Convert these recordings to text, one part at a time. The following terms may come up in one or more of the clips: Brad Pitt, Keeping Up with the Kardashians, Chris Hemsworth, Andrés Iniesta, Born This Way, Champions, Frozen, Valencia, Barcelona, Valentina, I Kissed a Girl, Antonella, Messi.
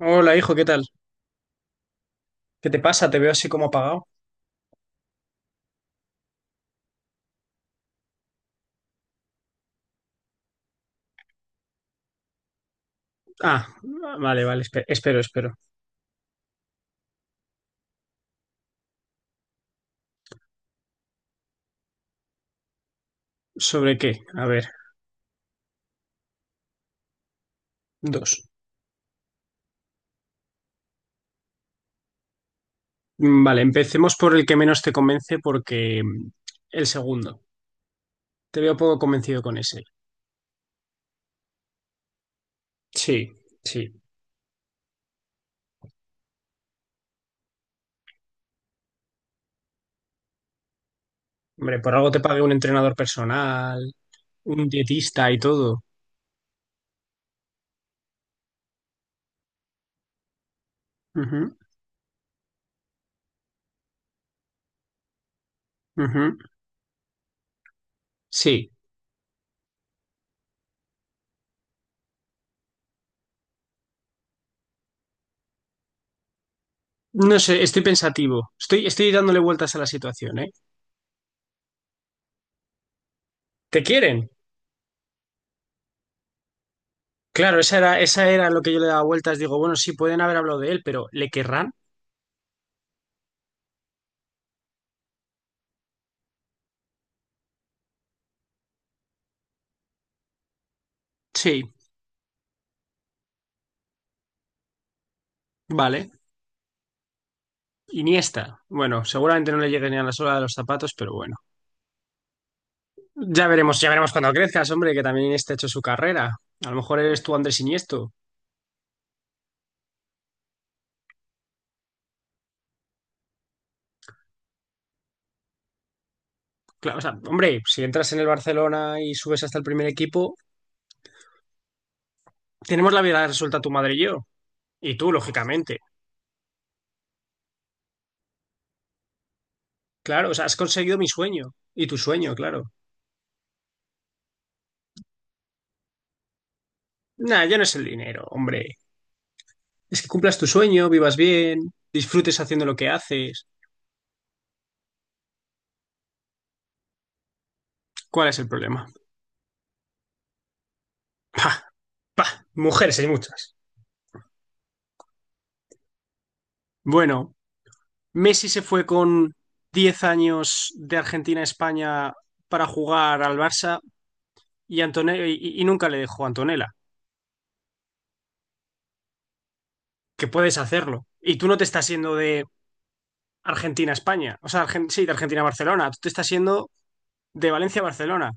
Hola, hijo, ¿qué tal? ¿Qué te pasa? Te veo así como apagado. Ah, vale, vale, espero. ¿Sobre qué? A ver, dos. Vale, empecemos por el que menos te convence porque el segundo. Te veo poco convencido con ese. Sí, sí. Hombre, por algo te pague un entrenador personal, un dietista y todo. Ujú, ujú. Sí. No sé, estoy pensativo. Estoy dándole vueltas a la situación, ¿eh? ¿Te quieren? Claro, esa era lo que yo le daba vueltas. Digo, bueno, sí, pueden haber hablado de él, pero ¿le querrán? Sí, vale. Iniesta. Bueno, seguramente no le llegue ni a la sola de los zapatos, pero bueno. Ya veremos cuando crezcas, hombre, que también Iniesta ha hecho su carrera. A lo mejor eres tú Andrés Iniesto. Claro, o sea, hombre, si entras en el Barcelona y subes hasta el primer equipo, tenemos la vida resuelta tu madre y yo. Y tú, lógicamente. Claro, o sea, has conseguido mi sueño. Y tu sueño, claro. Nah, ya no es el dinero, hombre. Es que cumplas tu sueño, vivas bien, disfrutes haciendo lo que haces. ¿Cuál es el problema? Pa, pa, mujeres hay muchas. Bueno, Messi se fue con 10 años de Argentina a España para jugar al Barça y, y nunca le dejó a Antonella, que puedes hacerlo. Y tú no te estás yendo de Argentina a España, o sea, sí, de Argentina a Barcelona, tú te estás yendo de Valencia a Barcelona.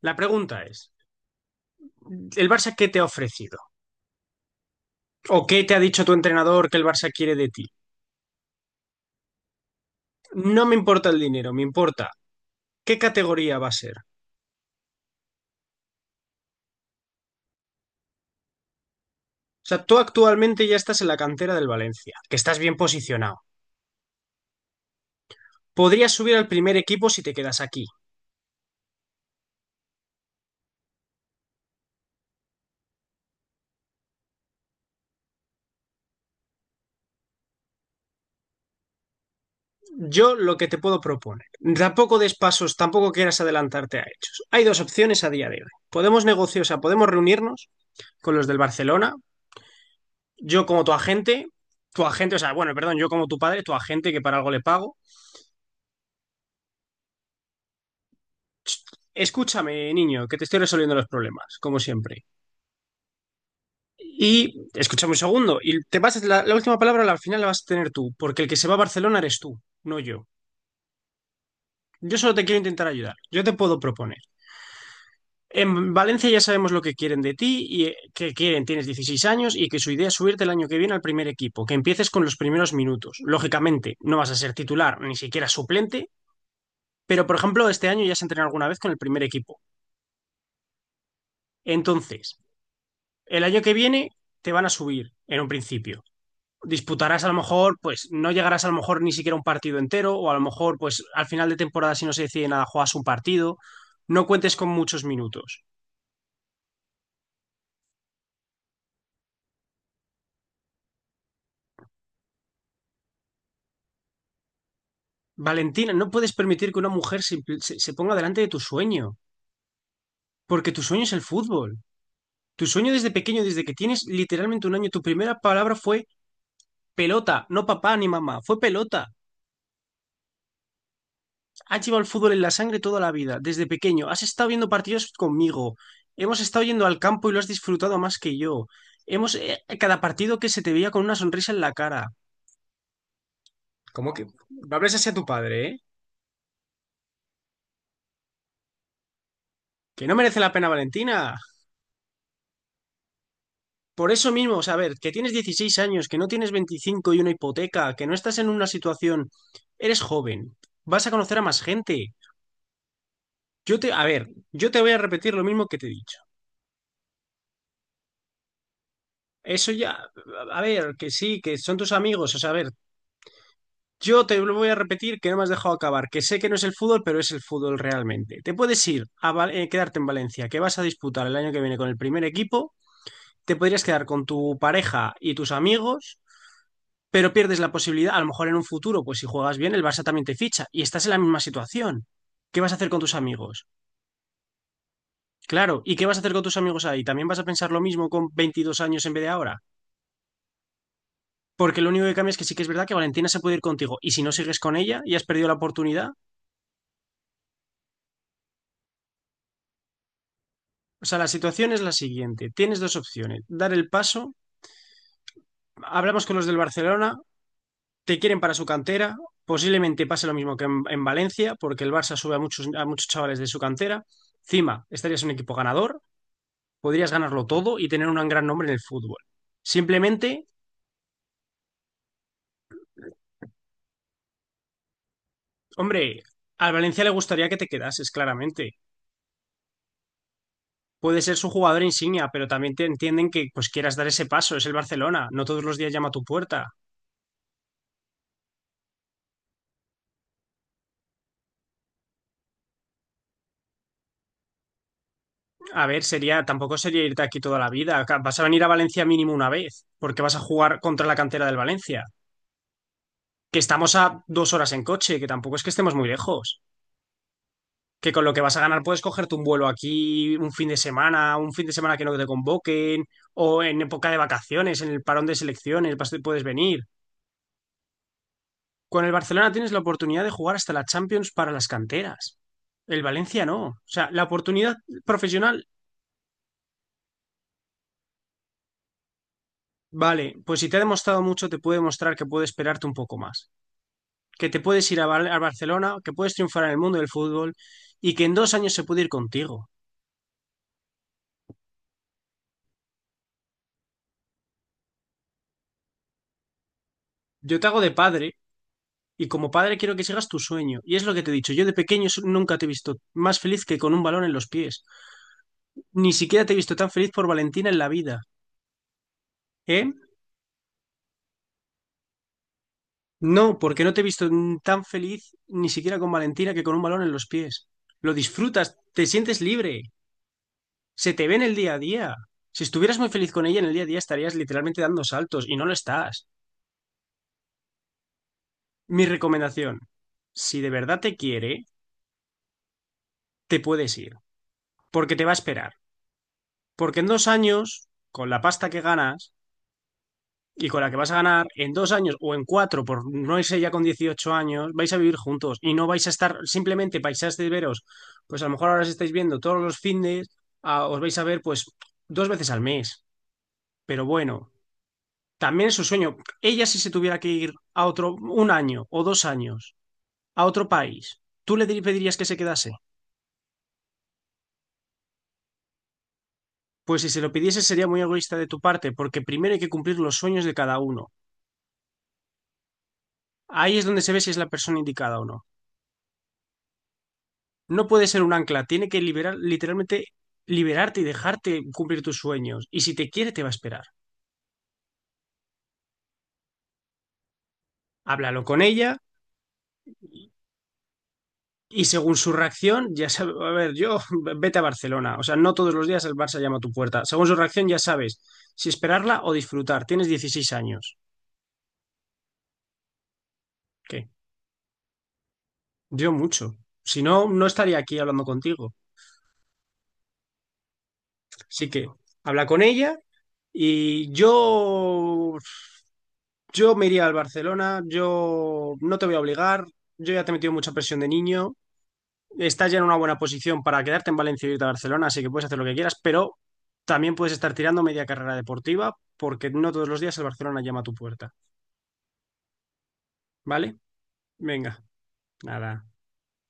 La pregunta es, ¿el Barça qué te ha ofrecido? ¿O qué te ha dicho tu entrenador que el Barça quiere de ti? No me importa el dinero, me importa qué categoría va a ser. O sea, tú actualmente ya estás en la cantera del Valencia, que estás bien posicionado. Podrías subir al primer equipo si te quedas aquí. Yo lo que te puedo proponer. Tampoco des pasos, tampoco quieras adelantarte a hechos. Hay dos opciones a día de hoy. Podemos negociar, o sea, podemos reunirnos con los del Barcelona, yo como tu agente, o sea, bueno, perdón, yo como tu padre, tu agente que para algo le pago. Escúchame, niño, que te estoy resolviendo los problemas, como siempre. Y escúchame un segundo, y te vas la última palabra al final la vas a tener tú, porque el que se va a Barcelona eres tú, no yo. Yo solo te quiero intentar ayudar. Yo te puedo proponer. En Valencia ya sabemos lo que quieren de ti y que quieren, tienes 16 años y que su idea es subirte el año que viene al primer equipo, que empieces con los primeros minutos. Lógicamente, no vas a ser titular, ni siquiera suplente, pero por ejemplo, este año ya se entrenado alguna vez con el primer equipo. Entonces, el año que viene te van a subir en un principio. Disputarás a lo mejor, pues no llegarás a lo mejor ni siquiera a un partido entero, o a lo mejor, pues al final de temporada, si no se decide nada, juegas un partido. No cuentes con muchos minutos. Valentina, no puedes permitir que una mujer se ponga delante de tu sueño, porque tu sueño es el fútbol. Tu sueño desde pequeño, desde que tienes literalmente un año, tu primera palabra fue pelota, no papá ni mamá, fue pelota. Has llevado el fútbol en la sangre toda la vida, desde pequeño. Has estado viendo partidos conmigo. Hemos estado yendo al campo y lo has disfrutado más que yo. Hemos, cada partido que se te veía con una sonrisa en la cara. ¿Cómo que no hables así a tu padre, ¿eh? Que no merece la pena, Valentina. Por eso mismo, o sea, a ver, que tienes 16 años, que no tienes 25 y una hipoteca, que no estás en una situación, eres joven, vas a conocer a más gente. Yo te, a ver, yo te voy a repetir lo mismo que te he dicho. Eso ya, a ver, que sí, que son tus amigos, o sea, a ver, yo te lo voy a repetir que no me has dejado acabar, que sé que no es el fútbol, pero es el fútbol realmente. Te puedes ir a quedarte en Valencia, que vas a disputar el año que viene con el primer equipo, te podrías quedar con tu pareja y tus amigos pero pierdes la posibilidad, a lo mejor en un futuro, pues si juegas bien, el Barça también te ficha y estás en la misma situación. ¿Qué vas a hacer con tus amigos? Claro, ¿y qué vas a hacer con tus amigos ahí? ¿También vas a pensar lo mismo con 22 años en vez de ahora? Porque lo único que cambia es que sí que es verdad que Valentina se puede ir contigo y si no sigues con ella y has perdido la oportunidad. O sea, la situación es la siguiente. Tienes dos opciones. Dar el paso. Hablamos con los del Barcelona. Te quieren para su cantera. Posiblemente pase lo mismo que en Valencia porque el Barça sube a muchos chavales de su cantera. Encima, estarías en un equipo ganador podrías ganarlo todo y tener un gran nombre en el fútbol. Simplemente, hombre, al Valencia le gustaría que te quedases, claramente. Puede ser su jugador insignia, pero también te entienden que pues quieras dar ese paso, es el Barcelona, no todos los días llama a tu puerta. A ver, sería, tampoco sería irte aquí toda la vida, acá vas a venir a Valencia mínimo una vez, porque vas a jugar contra la cantera del Valencia, que estamos a 2 horas en coche, que tampoco es que estemos muy lejos. Que con lo que vas a ganar puedes cogerte un vuelo aquí un fin de semana, un fin de semana que no te convoquen, o en época de vacaciones, en el parón de selecciones, puedes venir. Con el Barcelona tienes la oportunidad de jugar hasta la Champions para las canteras. El Valencia no. O sea, la oportunidad profesional, vale, pues si te ha demostrado mucho, te puede demostrar que puede esperarte un poco más. Que te puedes ir a Barcelona, que puedes triunfar en el mundo del fútbol y que en 2 años se puede ir contigo. Yo te hago de padre. Y como padre quiero que sigas tu sueño. Y es lo que te he dicho, yo de pequeño nunca te he visto más feliz que con un balón en los pies. Ni siquiera te he visto tan feliz por Valentina en la vida. ¿Eh? No, porque no te he visto tan feliz ni siquiera con Valentina que con un balón en los pies. Lo disfrutas, te sientes libre, se te ve en el día a día. Si estuvieras muy feliz con ella en el día a día estarías literalmente dando saltos y no lo estás. Mi recomendación, si de verdad te quiere, te puedes ir, porque te va a esperar. Porque en 2 años, con la pasta que ganas, y con la que vas a ganar en 2 años o en cuatro, por no irse ya con 18 años, vais a vivir juntos y no vais a estar simplemente paisas de veros, pues a lo mejor ahora os estáis viendo todos los fines, os vais a ver pues 2 veces al mes, pero bueno, también es su sueño. Ella si se tuviera que ir a otro, un año o 2 años, a otro país, ¿tú le pedirías que se quedase? Pues si se lo pidiese sería muy egoísta de tu parte, porque primero hay que cumplir los sueños de cada uno. Ahí es donde se ve si es la persona indicada o no. No puede ser un ancla, tiene que liberar, literalmente liberarte y dejarte cumplir tus sueños. Y si te quiere, te va a esperar. Háblalo con ella y según su reacción, ya sabes, a ver, yo, vete a Barcelona. O sea, no todos los días el Barça llama a tu puerta. Según su reacción, ya sabes si esperarla o disfrutar. Tienes 16 años. ¿Qué? Yo mucho. Si no, no estaría aquí hablando contigo. Así que habla con ella y yo me iría al Barcelona, yo no te voy a obligar, yo ya te he metido mucha presión de niño, estás ya en una buena posición para quedarte en Valencia y irte a Barcelona, así que puedes hacer lo que quieras, pero también puedes estar tirando media carrera deportiva porque no todos los días el Barcelona llama a tu puerta, ¿vale? Venga, nada.